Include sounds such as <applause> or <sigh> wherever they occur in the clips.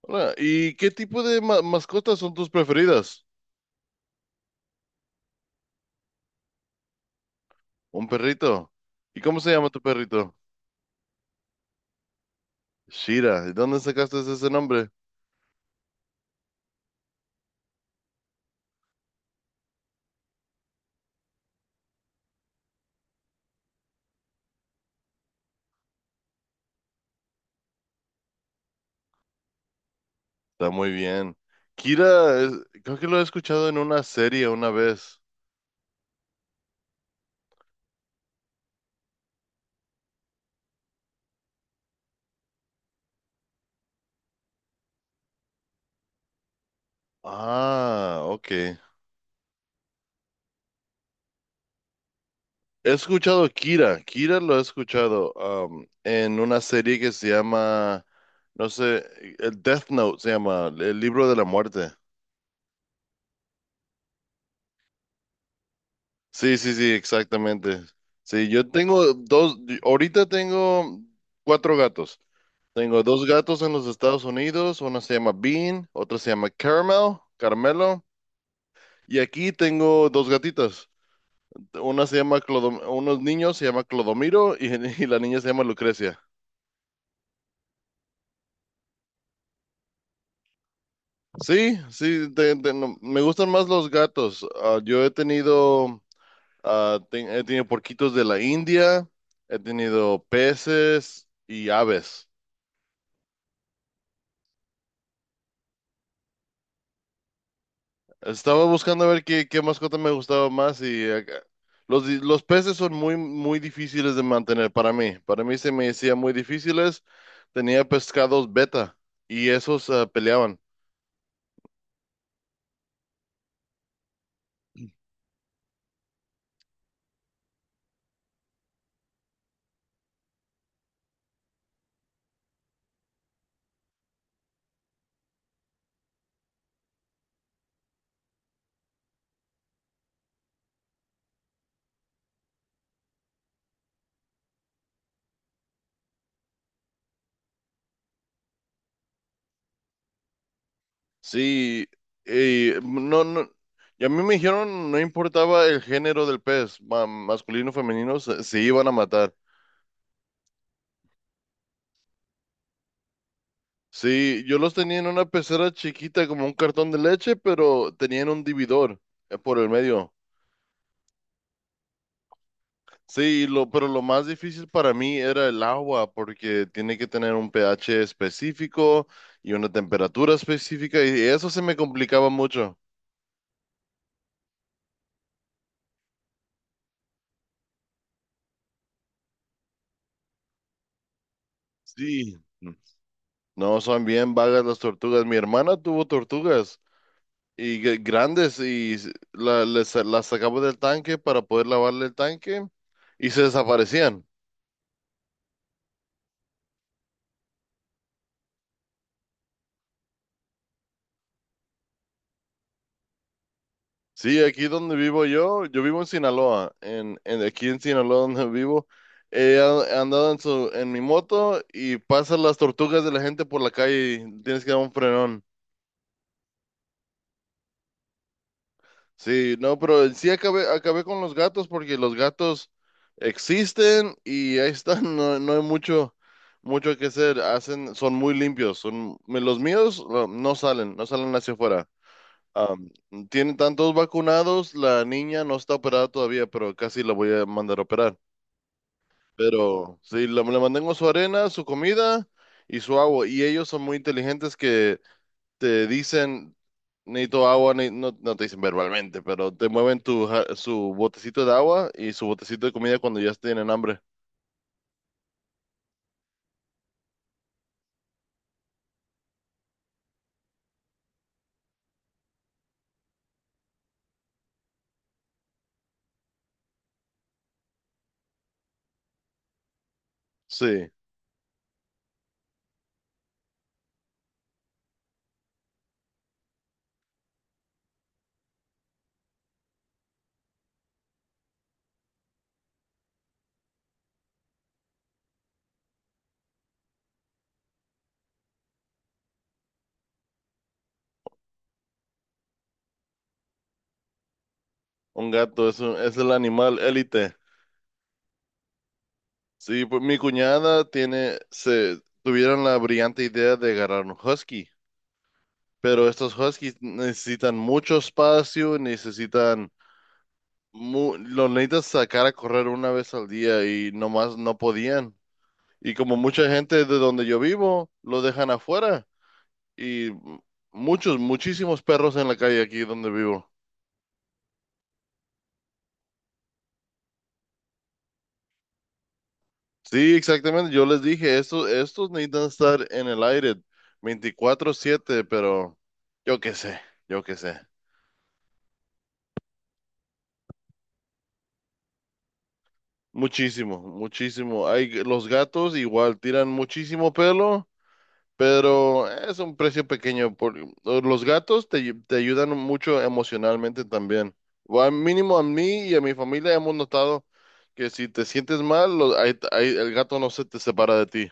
Hola, ¿y qué tipo de mascotas son tus preferidas? Un perrito. ¿Y cómo se llama tu perrito? Shira. ¿De dónde sacaste ese nombre? Está muy bien. Kira, es- Creo que lo he escuchado en una serie una vez. Ah, ok. He escuchado Kira. Kira lo he escuchado en una serie que se llama, no sé, el Death Note se llama, el libro de la muerte. Sí, sí, sí, exactamente. Sí, yo tengo dos, ahorita tengo cuatro gatos. Tengo dos gatos en los Estados Unidos, uno se llama Bean, otro se llama Caramel, Carmelo, y aquí tengo dos gatitas. Una unos niños se llama Clodomiro y, <laughs> y la niña se llama Lucrecia. Sí, sí, no, me gustan más los gatos. Ah, yo he tenido, he tenido porquitos de la India, he tenido peces y aves. Estaba buscando a ver qué mascota me gustaba más los peces son muy difíciles de mantener para mí. Para mí se me decía muy difíciles. Tenía pescados beta y esos peleaban. Sí, y no, no, y a mí me dijeron no importaba el género del pez, masculino o femenino, se iban a matar. Sí, yo los tenía en una pecera chiquita como un cartón de leche, pero tenían un dividor por el medio. Sí, lo, pero lo más difícil para mí era el agua, porque tiene que tener un pH específico y una temperatura específica, y eso se me complicaba mucho. Sí. No, son bien vagas las tortugas. Mi hermana tuvo tortugas y grandes y las sacaba del tanque para poder lavarle el tanque y se desaparecían. Sí, aquí donde vivo yo, yo vivo en Sinaloa, en aquí en Sinaloa donde vivo, andado en mi moto y pasan las tortugas de la gente por la calle y tienes que dar un frenón. Sí, no, pero sí acabé, acabé con los gatos porque los gatos existen y ahí están, <laughs> no, no hay mucho, mucho que hacer, hacen, son muy limpios, son, los míos no salen, no salen hacia afuera. Am, Tiene tantos vacunados, la niña no está operada todavía, pero casi la voy a mandar a operar. Pero sí, le mantengo su arena, su comida y su agua. Y ellos son muy inteligentes que te dicen, necesito agua, no, no te dicen verbalmente, pero te mueven su botecito de agua y su botecito de comida cuando ya tienen hambre. Sí, un gato es el animal élite. Sí, pues mi cuñada tiene, se tuvieron la brillante idea de agarrar un husky. Pero estos Huskies necesitan mucho espacio, necesitan, los necesitas sacar a correr una vez al día y nomás no podían. Y como mucha gente de donde yo vivo, lo dejan afuera. Y muchos, muchísimos perros en la calle aquí donde vivo. Sí, exactamente. Yo les dije, estos necesitan estar en el aire 24/7. Pero yo qué sé, yo qué sé. Muchísimo, muchísimo. Hay, los gatos igual tiran muchísimo pelo. Pero es un precio pequeño. Por, los gatos te ayudan mucho emocionalmente también. O al mínimo a mí y a mi familia hemos notado que si te sientes mal, ahí el gato no se te separa de ti.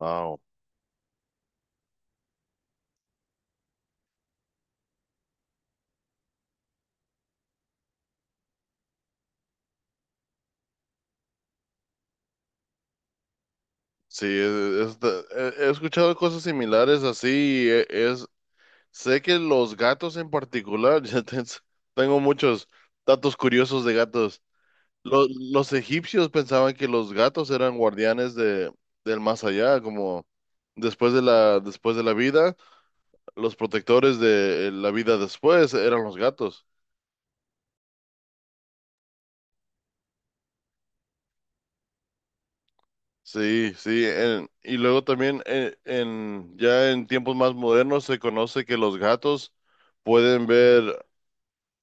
Wow. Sí, he escuchado cosas similares así. Es, sé que los gatos en particular, <laughs> tengo muchos datos curiosos de gatos. Los egipcios pensaban que los gatos eran guardianes de, del más allá, como después de la vida, los protectores de la vida después eran los gatos. Sí, sí, y luego también en, ya en tiempos más modernos se conoce que los gatos pueden ver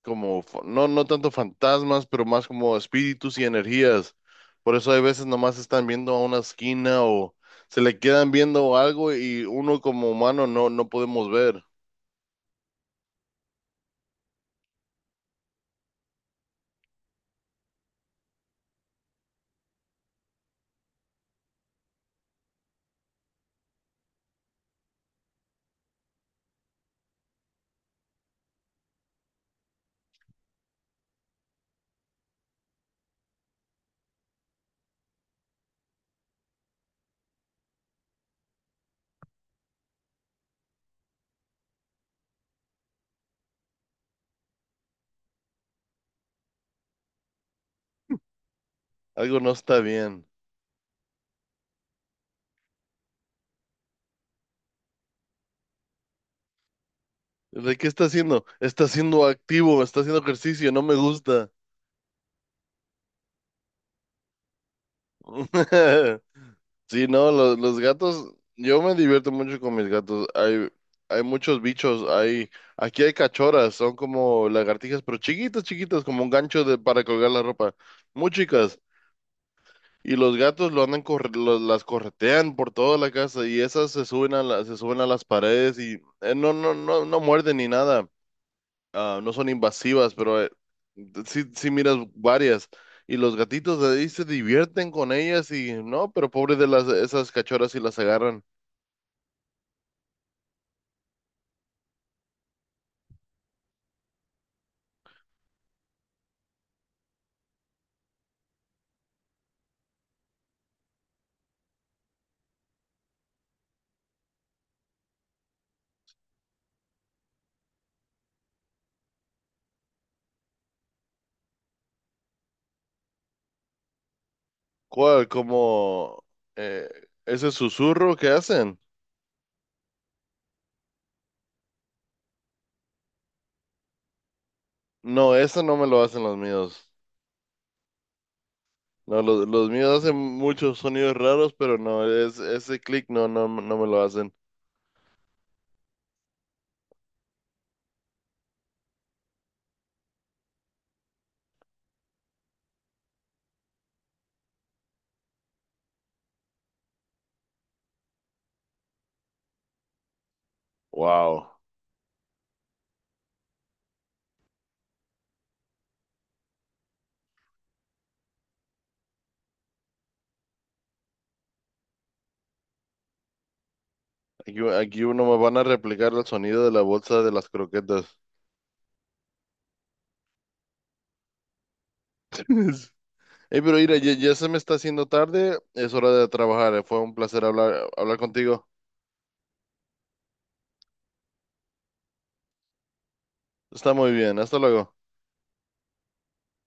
como, no, no tanto fantasmas, pero más como espíritus y energías. Por eso hay veces nomás están viendo a una esquina o se le quedan viendo algo y uno como humano no, no podemos ver. Algo no está bien. ¿De qué está haciendo? Está siendo activo, está haciendo ejercicio, no me gusta. <laughs> Sí, no, los gatos, yo me divierto mucho con mis gatos. Hay muchos bichos, hay, aquí hay cachorras, son como lagartijas, pero chiquitas, chiquitas, como un gancho de, para colgar la ropa, muy chicas. Y los gatos lo andan corre- lo- las corretean por toda la casa y esas se suben se suben a las paredes y no, no, no, no muerden ni nada ah, no son invasivas, pero sí, sí miras varias. Y los gatitos ahí se divierten con ellas y no, pero pobres de las esas cachorras si las agarran. ¿Cuál? Como eh, ese susurro que hacen. No, eso no me lo hacen los míos. No, los míos hacen muchos sonidos raros, pero no, es, ese clic no, no, no me lo hacen. Wow. Aquí, aquí uno me van a replicar el sonido de la bolsa de las croquetas. <laughs> Hey, pero mira, ya, ya se me está haciendo tarde, es hora de trabajar. Eh. Fue un placer hablar, hablar contigo. Está muy bien, hasta luego.